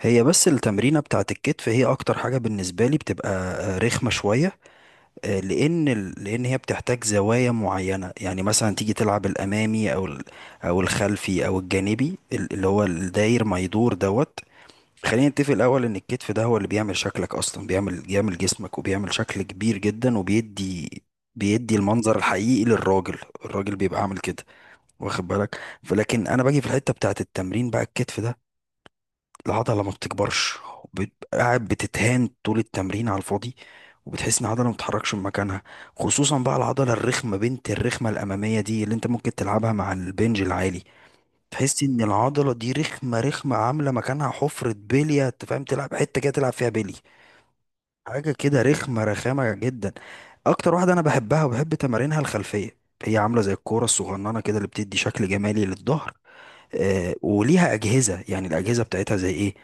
هي بس التمرينة بتاعت الكتف، هي أكتر حاجة بالنسبة لي بتبقى رخمة شوية. لأن لأن هي بتحتاج زوايا معينة، يعني مثلا تيجي تلعب الأمامي أو أو الخلفي أو الجانبي، اللي هو الداير ما يدور دوت. خلينا نتفق الأول إن الكتف ده هو اللي بيعمل شكلك، أصلا بيعمل جسمك، وبيعمل شكل كبير جدا، وبيدي المنظر الحقيقي للراجل. الراجل بيبقى عامل كده، واخد بالك؟ فلكن انا باجي في الحته بتاعت التمرين بقى، الكتف ده، العضلة ما بتكبرش، قاعد بتتهان طول التمرين على الفاضي، وبتحس ان العضلة ما بتتحركش من مكانها. خصوصا بقى العضلة الرخمة بنت الرخمة الأمامية دي، اللي انت ممكن تلعبها مع البنج العالي، تحس ان العضلة دي رخمة رخمة، عاملة مكانها حفرة بلية، انت فاهم، تلعب حتة كده تلعب فيها بلي. حاجة كده رخمة، رخامة جدا. اكتر واحدة انا بحبها وبحب تمارينها الخلفية، هي عاملة زي الكورة الصغننة كده، اللي بتدي شكل جمالي للظهر. آه، وليها أجهزة، يعني الأجهزة بتاعتها زي ايه؟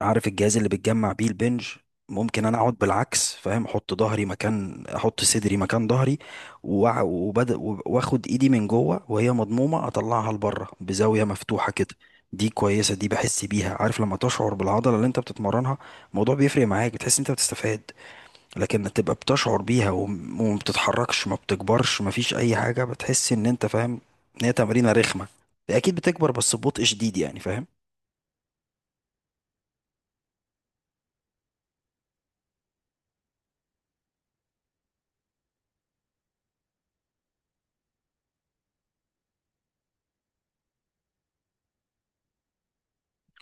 عارف الجهاز اللي بتجمع بيه البنج؟ ممكن انا اقعد بالعكس، فاهم، احط ظهري مكان، احط صدري مكان ظهري، وبدأ، واخد ايدي من جوه وهي مضمومه، اطلعها لبره بزاويه مفتوحه كده. دي كويسه، دي بحس بيها، عارف لما تشعر بالعضله اللي انت بتتمرنها؟ الموضوع بيفرق معاك، بتحس انت بتستفاد. لكن تبقى بتشعر بيها، وما بتتحركش، ما بتكبرش، ما فيش اي حاجه، بتحس ان انت فاهم ان هي تمرينه رخمه. اكيد بتكبر بس ببطء شديد، يعني فاهم.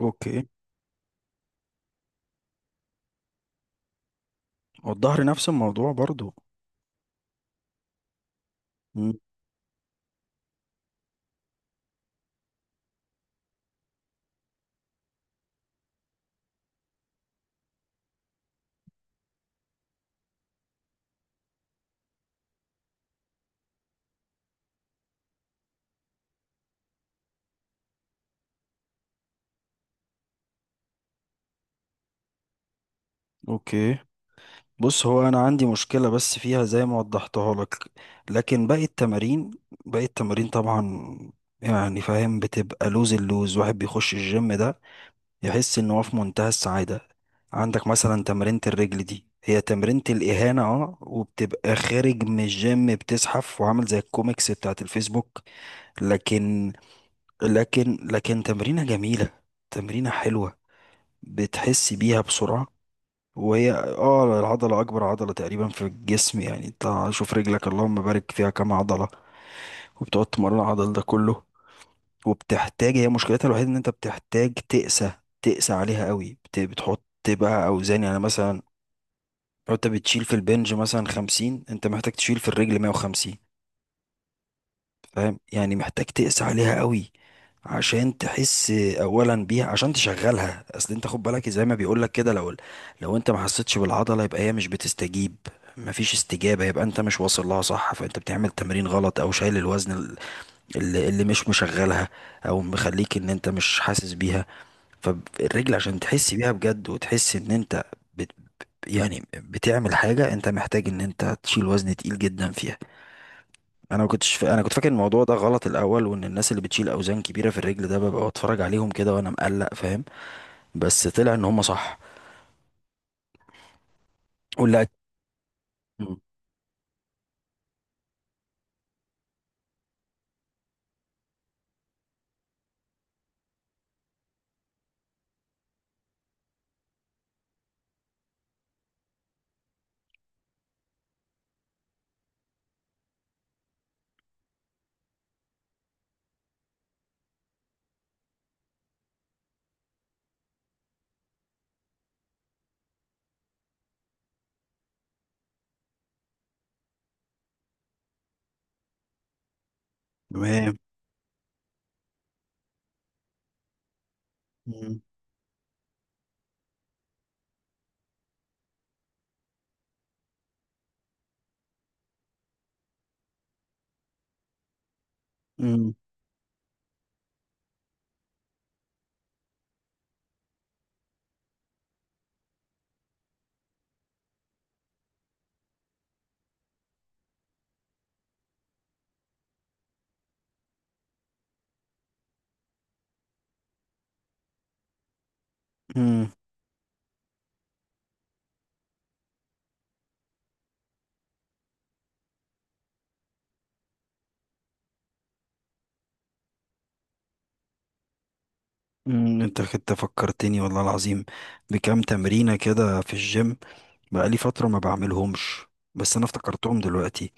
اوكي. والظهر نفس الموضوع برضو. مم. اوكي. بص، هو انا عندي مشكله بس فيها زي ما وضحتها لك، لكن باقي التمارين، باقي التمارين طبعا، يعني فاهم، بتبقى لوز. اللوز واحد بيخش الجيم ده، يحس ان هو في منتهى السعاده. عندك مثلا تمرينة الرجل دي، هي تمرينة الإهانة، وبتبقى خارج من الجيم بتزحف، وعامل زي الكوميكس بتاعت الفيسبوك. لكن، لكن تمرينة جميلة، تمرينة حلوة، بتحس بيها بسرعة. وهي العضلة أكبر عضلة تقريبا في الجسم، يعني انت شوف رجلك، اللهم بارك فيها، كام عضلة! وبتقعد تمرن العضل ده كله. وبتحتاج، هي مشكلتها الوحيدة إن أنت بتحتاج تقسى، تقسى عليها قوي. بتحط بقى أوزان، يعني مثلا لو أنت بتشيل في البنج مثلا 50، أنت محتاج تشيل في الرجل 150. فاهم يعني، محتاج تقسى عليها قوي عشان تحس اولا بيها، عشان تشغلها. اصل انت خد بالك زي ما بيقولك كده، لو انت ما حسيتش بالعضله، يبقى هي مش بتستجيب، مفيش استجابه، يبقى انت مش واصل لها صح، فانت بتعمل تمرين غلط، او شايل الوزن اللي مش مشغلها، او مخليك ان انت مش حاسس بيها. فالرجل عشان تحس بيها بجد، وتحس ان انت بت يعني بتعمل حاجه، انت محتاج ان انت تشيل وزن تقيل جدا فيها. انا ما كنتش فا... انا كنت فاكر الموضوع ده غلط الاول، وان الناس اللي بتشيل اوزان كبيره في الرجل ده، ببقى بتفرج عليهم كده وانا مقلق، فاهم. بس طلع ان هم صح، ولا؟ مم. تمام. مم. مم. مم. مم. انت كنت فكرتني والله العظيم بكام تمرينة كده في الجيم، بقالي فترة ما بعملهمش، بس انا افتكرتهم دلوقتي.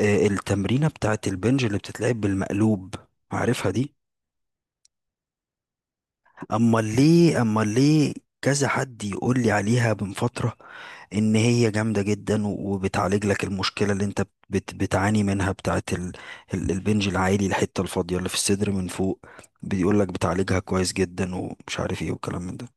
آه، التمرينة بتاعت البنج اللي بتتلعب بالمقلوب، عارفها دي؟ امال ليه، امال ليه؟ كذا حد يقول لي عليها من فترة، ان هي جامدة جدا، وبتعالج لك المشكلة اللي انت بتعاني منها، بتاعت ال البنج العالي، الحتة الفاضية اللي في الصدر من فوق. بيقول لك بتعالجها كويس جدا، ومش عارف ايه، والكلام من ده.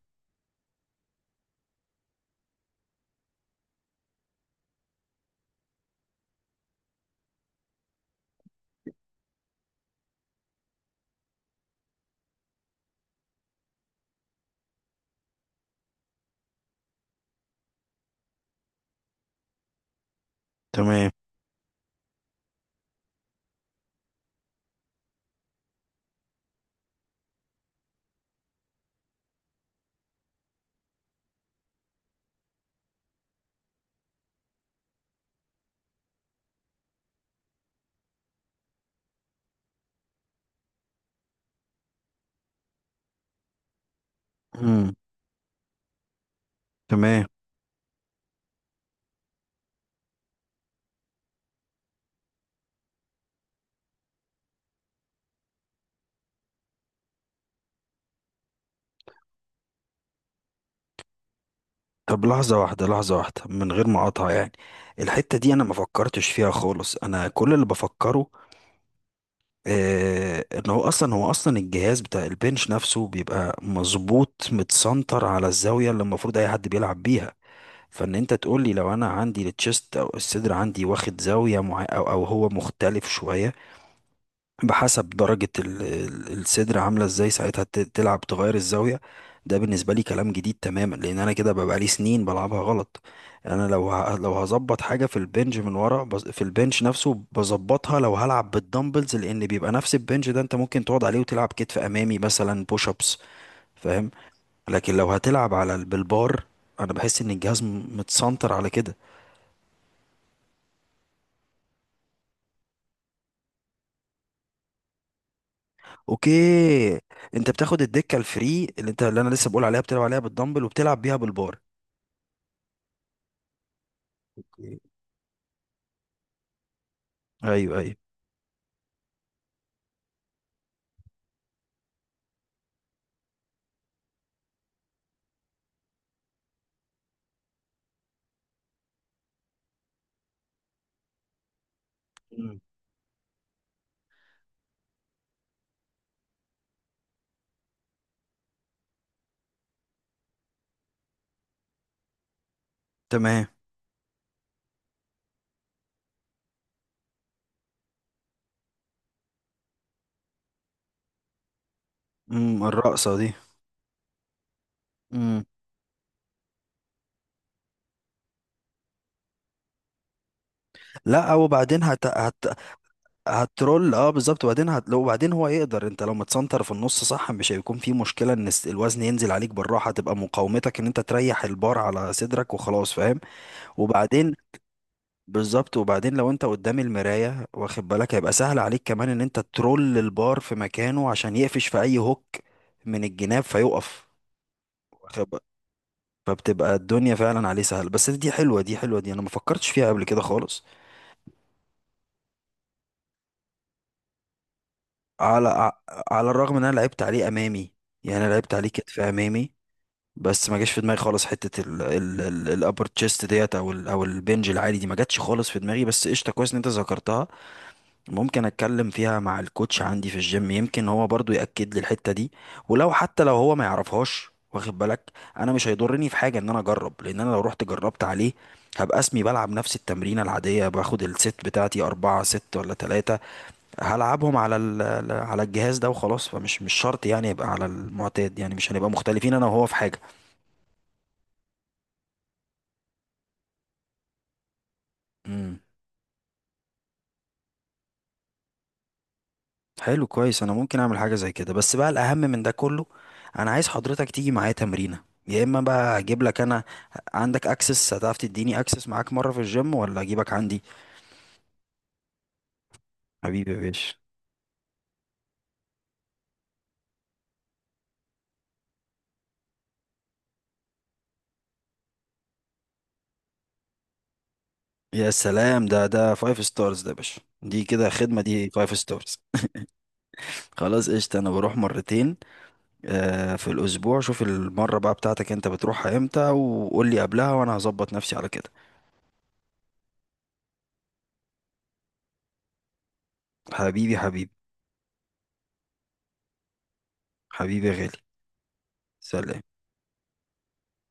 تمام. امم. تمام. طب لحظة واحدة، لحظة واحدة، من غير ما اقاطع يعني. الحتة دي انا ما فكرتش فيها خالص، انا كل اللي بفكره، آه، ان هو اصلا، هو اصلا الجهاز بتاع البنش نفسه بيبقى مظبوط، متسنتر على الزاويه اللي المفروض اي حد بيلعب بيها. فان انت تقول لي لو انا عندي التشيست او الصدر عندي واخد زاويه معينه، او هو مختلف شويه بحسب درجة الصدر عاملة ازاي، ساعتها تلعب تغير الزاوية. ده بالنسبة لي كلام جديد تماما، لأن أنا كده ببقى لي سنين بلعبها غلط. أنا لو هظبط حاجة في البنج من ورا، في البنج نفسه بظبطها، لو هلعب بالدمبلز، لأن بيبقى نفس البنج ده، أنت ممكن تقعد عليه وتلعب كتف أمامي مثلا، بوش أبس، فاهم. لكن لو هتلعب على بالبار، أنا بحس إن الجهاز متسنتر على كده. أوكي. أنت بتاخد الدكة الفري اللي أنت، اللي أنا لسه بقول عليها، بتلعب عليها بالدمبل وبتلعب بيها بالبار. ايوه. ايوه. مم. تمام. امم، الرقصه دي. امم. لا، وبعدين هترول، اه بالظبط، وبعدين هت... لو وبعدين هو يقدر، انت لو متسنتر في النص صح، مش هيكون في مشكله ان الوزن ينزل عليك بالراحه، تبقى مقاومتك ان انت تريح البار على صدرك وخلاص، فاهم. وبعدين بالظبط، وبعدين لو انت قدام المرايه، واخد بالك، هيبقى سهل عليك كمان ان انت ترول البار في مكانه عشان يقفش في اي هوك من الجناب فيقف. فبتبقى الدنيا فعلا عليه سهل. بس دي حلوه، دي حلوه، دي انا ما فكرتش فيها قبل كده خالص. على ع- على الرغم ان انا لعبت عليه امامي، يعني انا لعبت عليه كتف امامي، بس ما جاش في دماغي خالص حته ال الابر تشيست ديت، او البنج العالي دي، ما جاتش خالص في دماغي، بس قشطه كويس ان انت ذكرتها. ممكن اتكلم فيها مع الكوتش عندي في الجيم، يمكن هو برضو يأكد لي الحتة دي، ولو حتى لو هو ما يعرفهاش، واخد بالك، انا مش هيضرني في حاجة ان انا اجرب، لان انا لو رحت جربت عليه، هبقى اسمي بلعب نفس التمرينة العادية، باخد الست بتاعتي اربعة ست ولا تلاتة، هلعبهم على على الجهاز ده وخلاص، فمش، مش شرط يعني، يبقى على المعتاد يعني، مش هنبقى مختلفين انا وهو في حاجة. مم. حلو، كويس، انا ممكن اعمل حاجه زي كده. بس بقى، الاهم من ده كله، انا عايز حضرتك تيجي معايا تمرينه، يا اما بقى اجيب لك انا. عندك اكسس؟ هتعرف تديني اكسس معاك مره في الجيم، ولا اجيبك عندي؟ حبيبي يا باشا! يا سلام، ده فايف ستارز، ده يا باشا، دي كده خدمه، دي فايف ستارز. خلاص، قشطه، انا بروح مرتين في الاسبوع. شوف المره بقى بتاعتك انت بتروحها امتى، وقول لي قبلها، وانا هظبط نفسي على كده. حبيبي، حبيبي، حبيبي يا غالي. سلام.